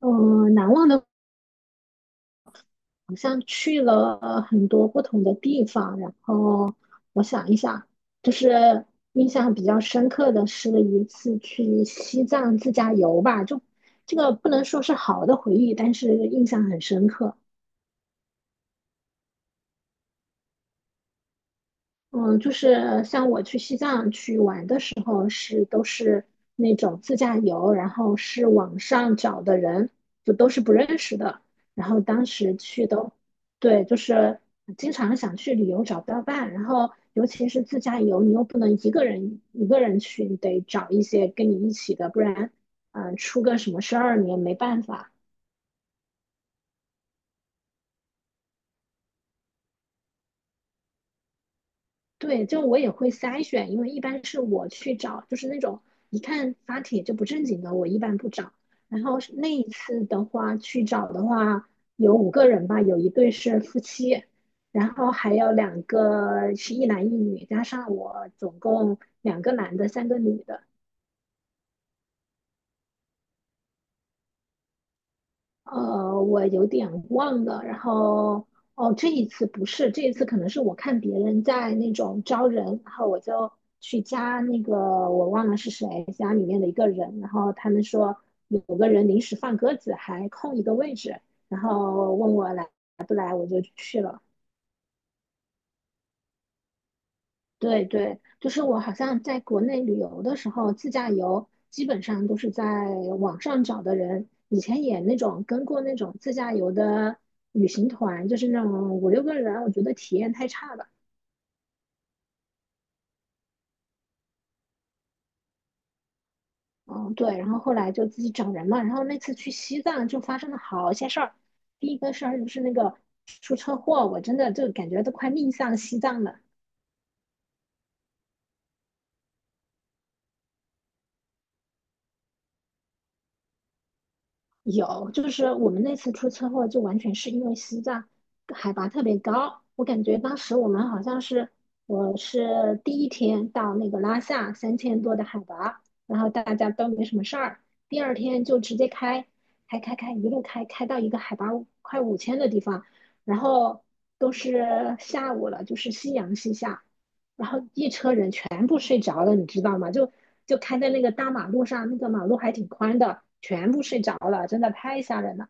嗯，难忘的好像去了很多不同的地方，然后我想一想，就是印象比较深刻的是一次去西藏自驾游吧，就这个不能说是好的回忆，但是印象很深刻。嗯，就是像我去西藏去玩的时候是，都是那种自驾游，然后是网上找的人，就都是不认识的。然后当时去都，对，就是经常想去旅游找不到伴，然后尤其是自驾游，你又不能一个人一个人去，你得找一些跟你一起的，不然，出个什么事儿你也没办法。对，就我也会筛选，因为一般是我去找，就是那种一看发帖就不正经的，我一般不找。然后是那一次的话，去找的话有五个人吧，有一对是夫妻，然后还有两个是一男一女，加上我总共两个男的，三个女的。我有点忘了。然后，哦，这一次不是，这一次可能是我看别人在那种招人，然后我就去加那个我忘了是谁，加里面的一个人，然后他们说有个人临时放鸽子，还空一个位置，然后问我来，我就去了。对对，就是我好像在国内旅游的时候，自驾游基本上都是在网上找的人。以前也那种跟过那种自驾游的旅行团，就是那种五六个人，我觉得体验太差了。嗯，对，然后后来就自己找人嘛。然后那次去西藏就发生了好些事儿。第一个事儿就是那个出车祸，我真的就感觉都快命丧西藏了。有，就是我们那次出车祸，就完全是因为西藏海拔特别高。我感觉当时我们好像是，我是第一天到那个拉萨3000多的海拔，然后大家都没什么事儿。第二天就直接开，开，一路开开到一个海拔快5000的地方，然后都是下午了，就是夕阳西下，然后一车人全部睡着了，你知道吗？就就开在那个大马路上，那个马路还挺宽的，全部睡着了，真的太吓人了。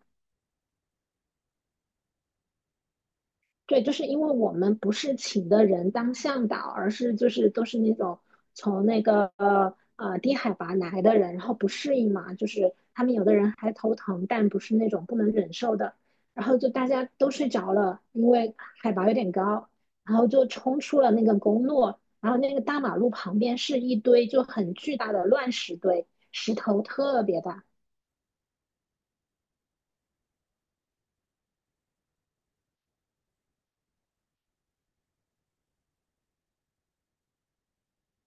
对，就是因为我们不是请的人当向导，而是就是都是那种从那个低海拔来的人，然后不适应嘛，就是他们有的人还头疼，但不是那种不能忍受的，然后就大家都睡着了，因为海拔有点高，然后就冲出了那个公路，然后那个大马路旁边是一堆就很巨大的乱石堆，石头特别大。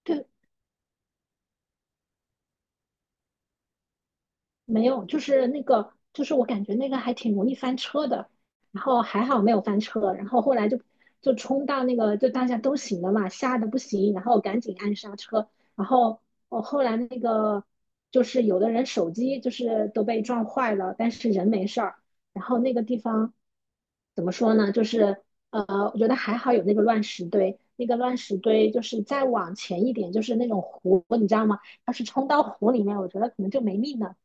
对，没有，就是那个，就是我感觉那个还挺容易翻车的，然后还好没有翻车，然后后来就冲到那个，就大家都醒了嘛，吓得不行，然后赶紧按刹车，然后我后来那个就是有的人手机就是都被撞坏了，但是人没事儿，然后那个地方怎么说呢，就是我觉得还好有那个乱石堆，那个乱石堆就是再往前一点就是那种湖，你知道吗？要是冲到湖里面，我觉得可能就没命了。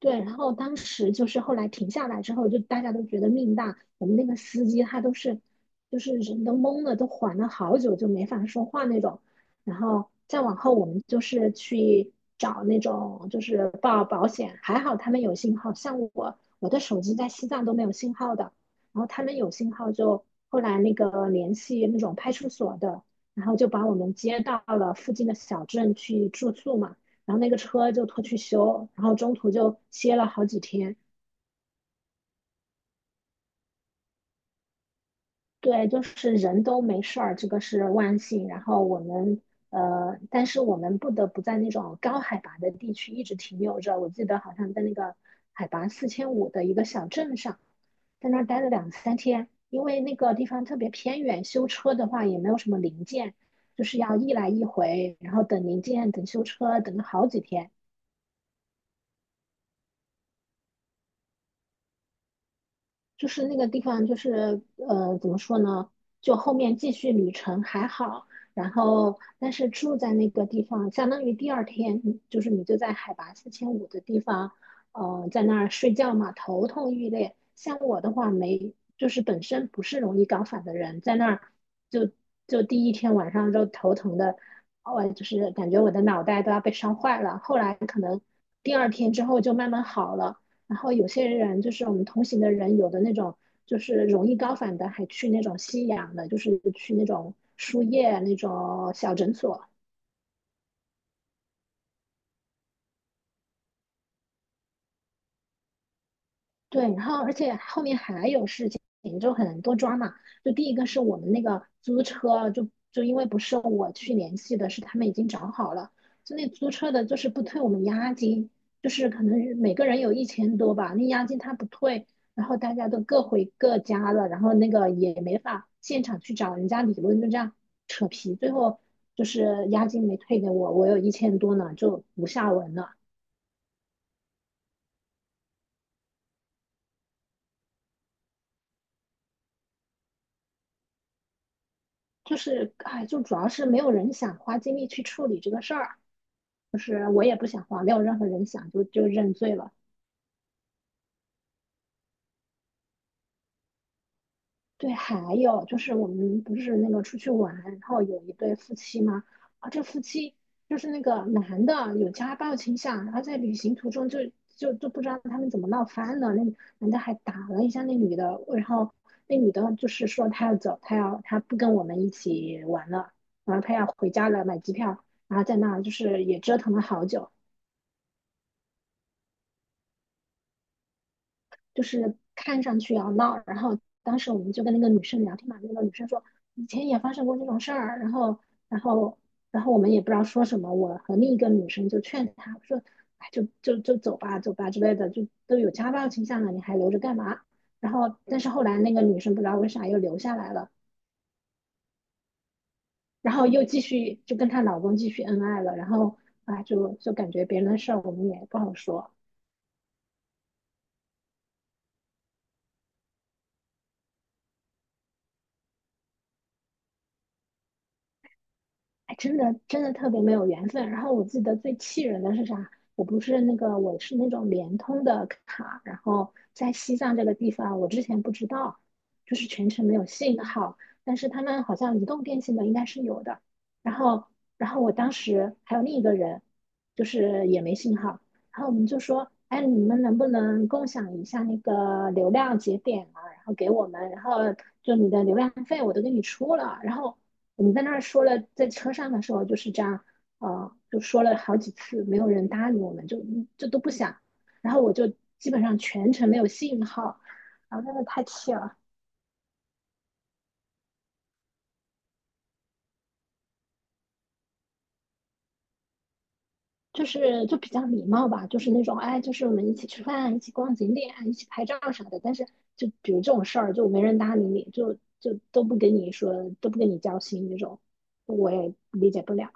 对，然后当时就是后来停下来之后，就大家都觉得命大。我们那个司机他都是，就是人都懵了，都缓了好久就没法说话那种。然后再往后，我们就是去找那种就是报保险，还好他们有信号。像我，我的手机在西藏都没有信号的，然后他们有信号就后来那个联系那种派出所的，然后就把我们接到了附近的小镇去住宿嘛。然后那个车就拖去修，然后中途就歇了好几天。对，就是人都没事儿，这个是万幸。然后我们但是我们不得不在那种高海拔的地区一直停留着。我记得好像在那个海拔四千五的一个小镇上，在那儿待了两三天，因为那个地方特别偏远，修车的话也没有什么零件，就是要一来一回，然后等零件、等修车，等了好几天。就是那个地方，就是怎么说呢？就后面继续旅程还好，然后但是住在那个地方，相当于第二天，就是你就在海拔四千五的地方，在那儿睡觉嘛，头痛欲裂。像我的话没，就是本身不是容易高反的人，在那儿就第一天晚上就头疼的，我就是感觉我的脑袋都要被烧坏了。后来可能第二天之后就慢慢好了。然后有些人就是我们同行的人，有的那种就是容易高反的，还去那种吸氧的，就是去那种输液那种小诊所。对，然后而且后面还有事情，就很多抓嘛。就第一个是我们那个租车，就因为不是我去联系的，是他们已经找好了，就那租车的就是不退我们押金，就是可能每个人有一千多吧，那押金他不退，然后大家都各回各家了，然后那个也没法现场去找人家理论，就这样扯皮，最后就是押金没退给我，我有一千多呢，就无下文了。就是哎，就主要是没有人想花精力去处理这个事儿，就是我也不想花，没有任何人想就认罪了。对，还有就是我们不是那个出去玩，然后有一对夫妻吗？啊，这夫妻就是那个男的有家暴倾向，然后在旅行途中就不知道他们怎么闹翻了，那男的还打了一下那女的，然后那女的就是说她要走，她要她不跟我们一起玩了，然后她要回家了，买机票，然后在那就是也折腾了好久，就是看上去要闹。然后当时我们就跟那个女生聊天嘛，那个女生说以前也发生过这种事儿，然后然后我们也不知道说什么，我和另一个女生就劝她说，哎，就就就走吧，走吧之类的，就都有家暴倾向了，你还留着干嘛？然后但是后来那个女生不知道为啥又留下来了，然后又继续就跟她老公继续恩爱了，然后啊感觉别人的事儿我们也不好说。哎，真的真的特别没有缘分。然后我记得最气人的是啥？我不是那个，我是那种联通的卡，然后在西藏这个地方，我之前不知道，就是全程没有信号，但是他们好像移动电信的应该是有的。然后，然后我当时还有另一个人，就是也没信号，然后我们就说，哎，你们能不能共享一下那个流量节点啊？然后给我们，然后就你的流量费我都给你出了，然后。我们在那儿说了，在车上的时候就是这样，就说了好几次，没有人搭理我们，就都不想。然后我就基本上全程没有信号，然后真的太气了，就是就比较礼貌吧，就是那种哎，就是我们一起吃饭，一起逛景点，一起拍照啥的。但是就比如这种事儿，就没人搭理你，就都不跟你说，都不跟你交心那种，我也理解不了。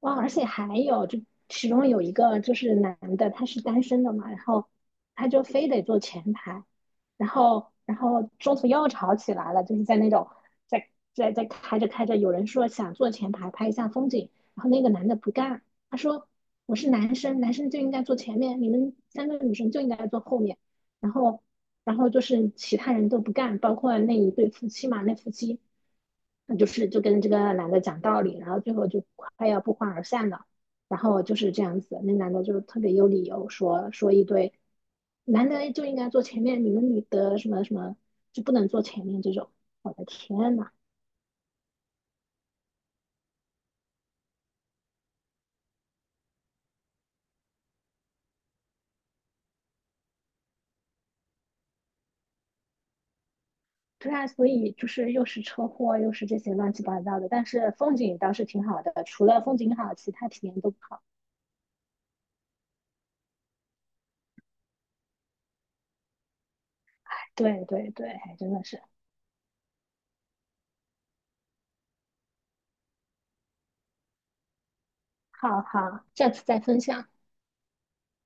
哇，而且还有，就其中有一个就是男的，他是单身的嘛，然后他就非得坐前排，然后中途又吵起来了，就是在那种在在开着开着，有人说想坐前排拍一下风景，然后那个男的不干，他说我是男生，男生就应该坐前面，你们三个女生就应该坐后面，然后然后就是其他人都不干，包括那一对夫妻嘛，那夫妻那就是就跟这个男的讲道理，然后最后就快要不欢而散了。然后就是这样子，那男的就特别有理由说说一堆，男的就应该坐前面，你们女的什么什么就不能坐前面这种。我的天呐，对啊，所以就是又是车祸，又是这些乱七八糟的，但是风景倒是挺好的，除了风景好，其他体验都不好。对对对，还真的是。好好，下次再分享。